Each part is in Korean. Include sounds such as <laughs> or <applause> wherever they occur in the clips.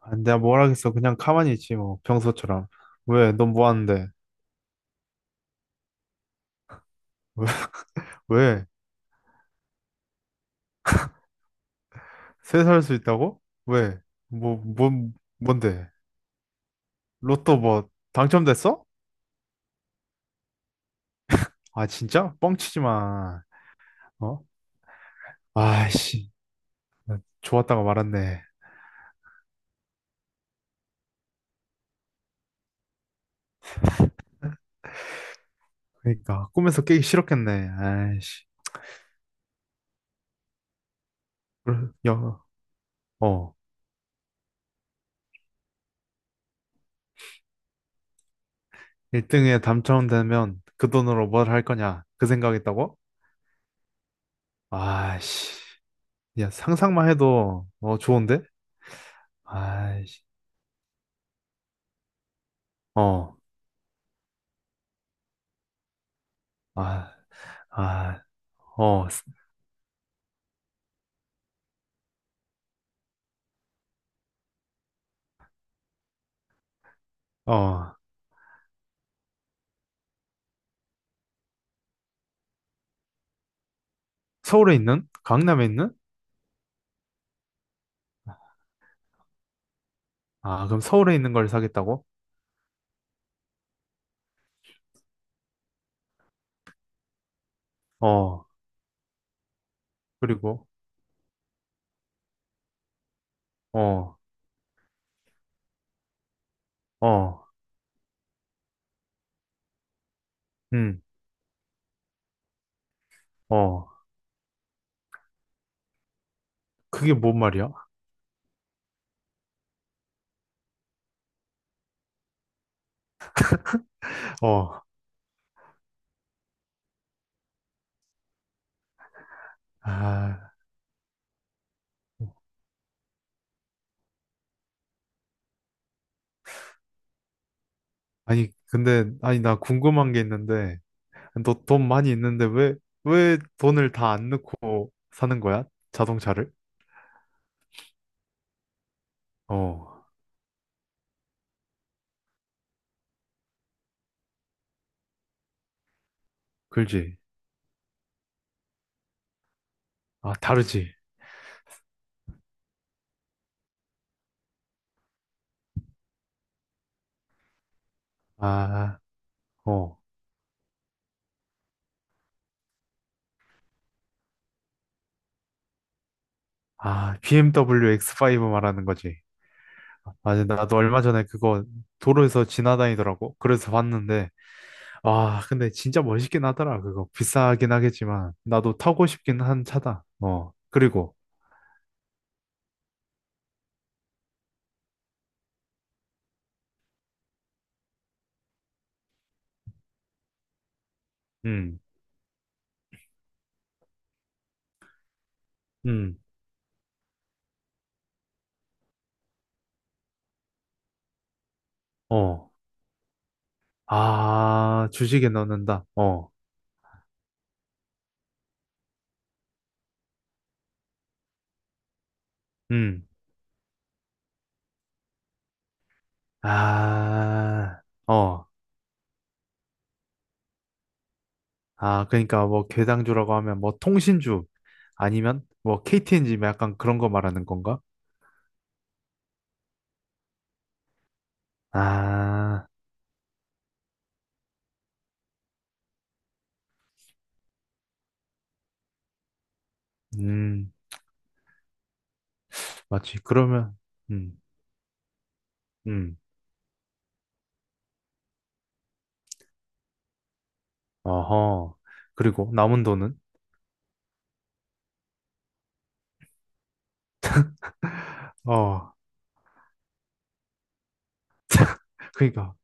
아, 내가 뭘 하겠어. 그냥 가만히 있지, 뭐. 평소처럼. 왜? 넌 뭐 하는데? <laughs> 왜? 세살 수 있다고? 왜? 뭐, 뭔데? 로또 뭐, 당첨됐어? 아, 진짜? 뻥치지 마. 어? 아이씨. 좋았다가 말았네. 그러니까, 꿈에서 깨기 싫었겠네. 아이씨. 그래, 야, 어. 1등에 당첨되면 그 돈으로 뭘 할 거냐? 그 생각했다고? 아이씨. 야, 상상만 해도, 어, 좋은데? 아이씨. 어. 아, 아, 어, 어, 서울에 있는? 강남에 있는? 아, 그럼 서울에 있는 걸 사겠다고? 어, 그리고, 어, 어, 음, 어, 그게 뭔 말이야? <laughs> 어, 아, 아니, 나 궁금한 게 있는데, 너 돈 많이 있는데 왜, 왜 돈을 다 안 넣고 사는 거야? 자동차를? 어, 그지? 아, 다르지? 아, 어, 아, BMW X5 말하는 거지? 맞아, 나도 얼마 전에 그거 도로에서 지나다니더라고. 그래서 봤는데, 와, 근데 진짜 멋있긴 하더라, 그거. 비싸긴 하겠지만, 나도 타고 싶긴 한 차다. 어, 그리고, 음, 음, 어, 아, 주식에 넣는다. 어, 음, 아, 어, 아, 그러니까 뭐 괴당주라고 하면 뭐 통신주 아니면 뭐 KTNG 약간 그런 거 말하는 건가? 아, 음, 맞지. 그러면, 음, 음. 아하. 그리고 남은 돈은? 아, 그러니까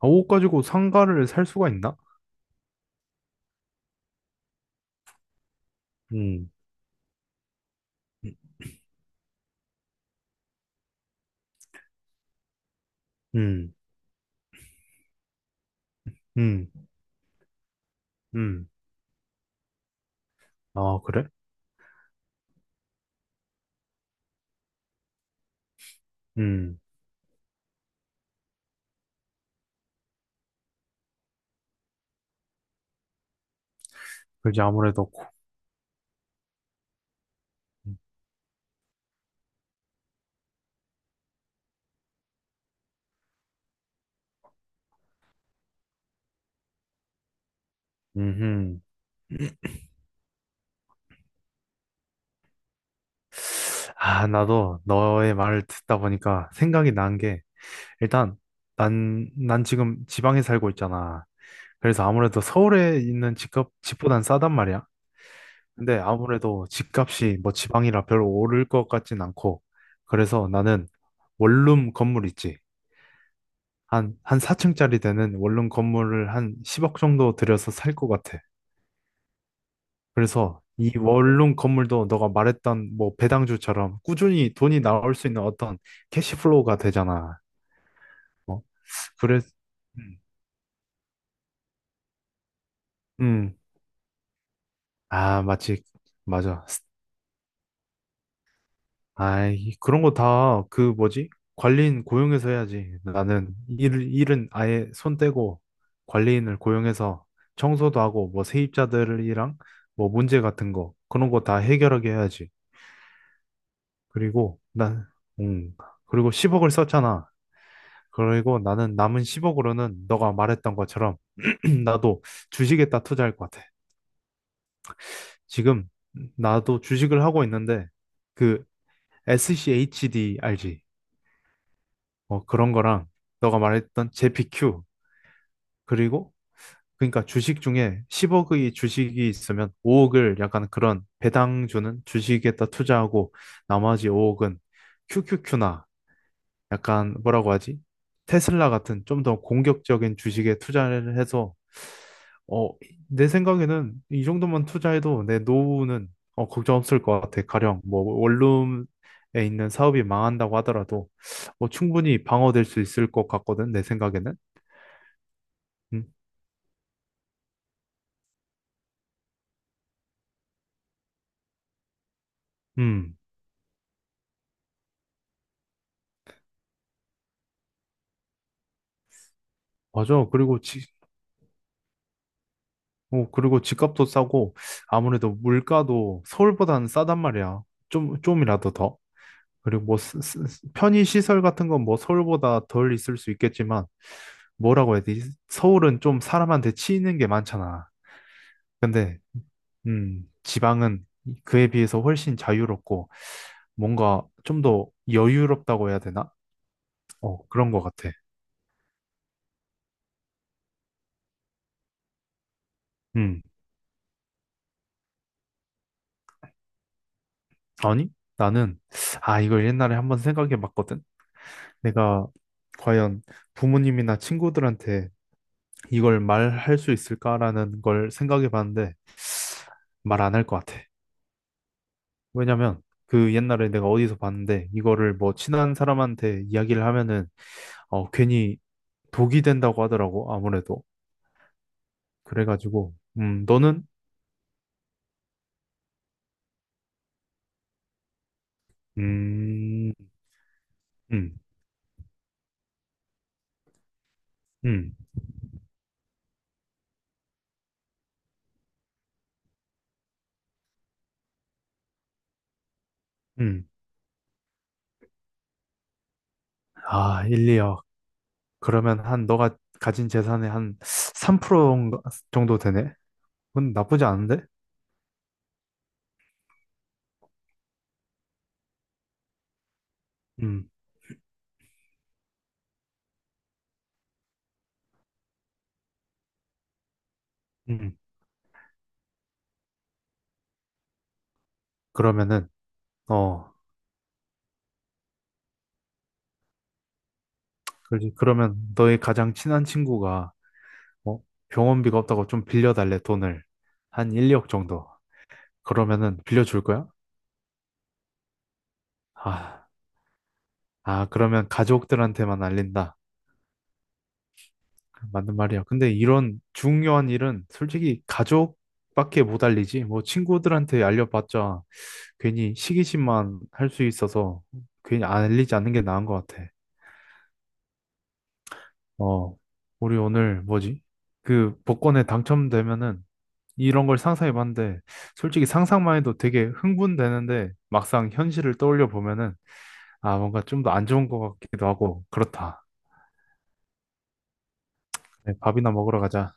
아, 옷 가지고 상가를 살 수가 있나? 음, 음, 음, 음. 아, 그래? 음, 그지 아무래도. 음. 아, 나도 너의 말을 듣다 보니까 생각이 난 게, 일단, 난 지금 지방에 살고 있잖아. 그래서 아무래도 서울에 있는 집값, 집보단 싸단 말이야. 근데 아무래도 집값이 뭐 지방이라 별로 오를 것 같진 않고, 그래서 나는 원룸 건물 있지. 한 4층짜리 되는 원룸 건물을 한 10억 정도 들여서 살 것 같아. 그래서 이 원룸 건물도 너가 말했던 뭐 배당주처럼 꾸준히 돈이 나올 수 있는 어떤 캐시플로우가 되잖아. 어? 그래, 음, 음. 아, 마치, 맞아. 아, 그런 거 다 그 뭐지? 관리인 고용해서 해야지. 나는 일은 아예 손 떼고 관리인을 고용해서 청소도 하고 뭐 세입자들이랑 뭐 문제 같은 거 그런 거 다 해결하게 해야지. 그리고 난, 음, 그리고 10억을 썼잖아. 그리고 나는 남은 10억으로는 너가 말했던 것처럼 <clears throat> 나도 주식에다 투자할 것 같아. 지금 나도 주식을 하고 있는데 그 SCHD 알지? 어, 그런 거랑 너가 말했던 JPQ. 그리고 그러니까 주식 중에 10억의 주식이 있으면 5억을 약간 그런 배당 주는 주식에다 투자하고 나머지 5억은 QQQ나, 약간 뭐라고 하지? 테슬라 같은 좀 더 공격적인 주식에 투자를 해서 어, 내 생각에는 이 정도만 투자해도 내 노후는, 어, 걱정 없을 것 같아. 가령 뭐 원룸에 있는 사업이 망한다고 하더라도 어, 충분히 방어될 수 있을 것 같거든. 내 생각에는. 음, 음, 맞아. 그리고 어, 그리고 집값도 싸고 아무래도 물가도 서울보다는 싸단 말이야. 좀 좀이라도 더. 그리고 뭐 편의 시설 같은 건 뭐 서울보다 덜 있을 수 있겠지만, 뭐라고 해야 되지? 서울은 좀 사람한테 치이는 게 많잖아. 근데 지방은 그에 비해서 훨씬 자유롭고 뭔가 좀 더 여유롭다고 해야 되나? 어, 그런 것 같아. 음, 아니? 나는, 아, 이걸 옛날에 한번 생각해 봤거든. 내가 과연 부모님이나 친구들한테 이걸 말할 수 있을까라는 걸 생각해 봤는데 말 안 할 것 같아. 왜냐면 그 옛날에 내가 어디서 봤는데 이거를 뭐 친한 사람한테 이야기를 하면은 어, 괜히 독이 된다고 하더라고. 아무래도. 그래가지고 음, 너는? 음. 음. 음. 음. 아, 1, 2억? 그러면 한 너가 가진 재산의 한 3% 정도 되네. 그건 나쁘지 않은데. 음. 음. 그러면은, 어, 그러지. 그러면 너의 가장 친한 친구가, 어, 병원비가 없다고 좀 빌려달래. 돈을 한 1, 2억 정도. 그러면은 빌려줄 거야? 아, 아, 그러면 가족들한테만 알린다. 맞는 말이야. 근데 이런 중요한 일은 솔직히 가족밖에 못 알리지. 뭐 친구들한테 알려봤자 괜히 시기심만 할 수 있어서, 괜히 안 알리지 않는 게 나은 것 같아. 어, 우리 오늘 뭐지? 그 복권에 당첨되면은 이런 걸 상상해봤는데 솔직히 상상만 해도 되게 흥분되는데 막상 현실을 떠올려 보면은, 아, 뭔가 좀 더 안 좋은 것 같기도 하고 그렇다. 네, 밥이나 먹으러 가자.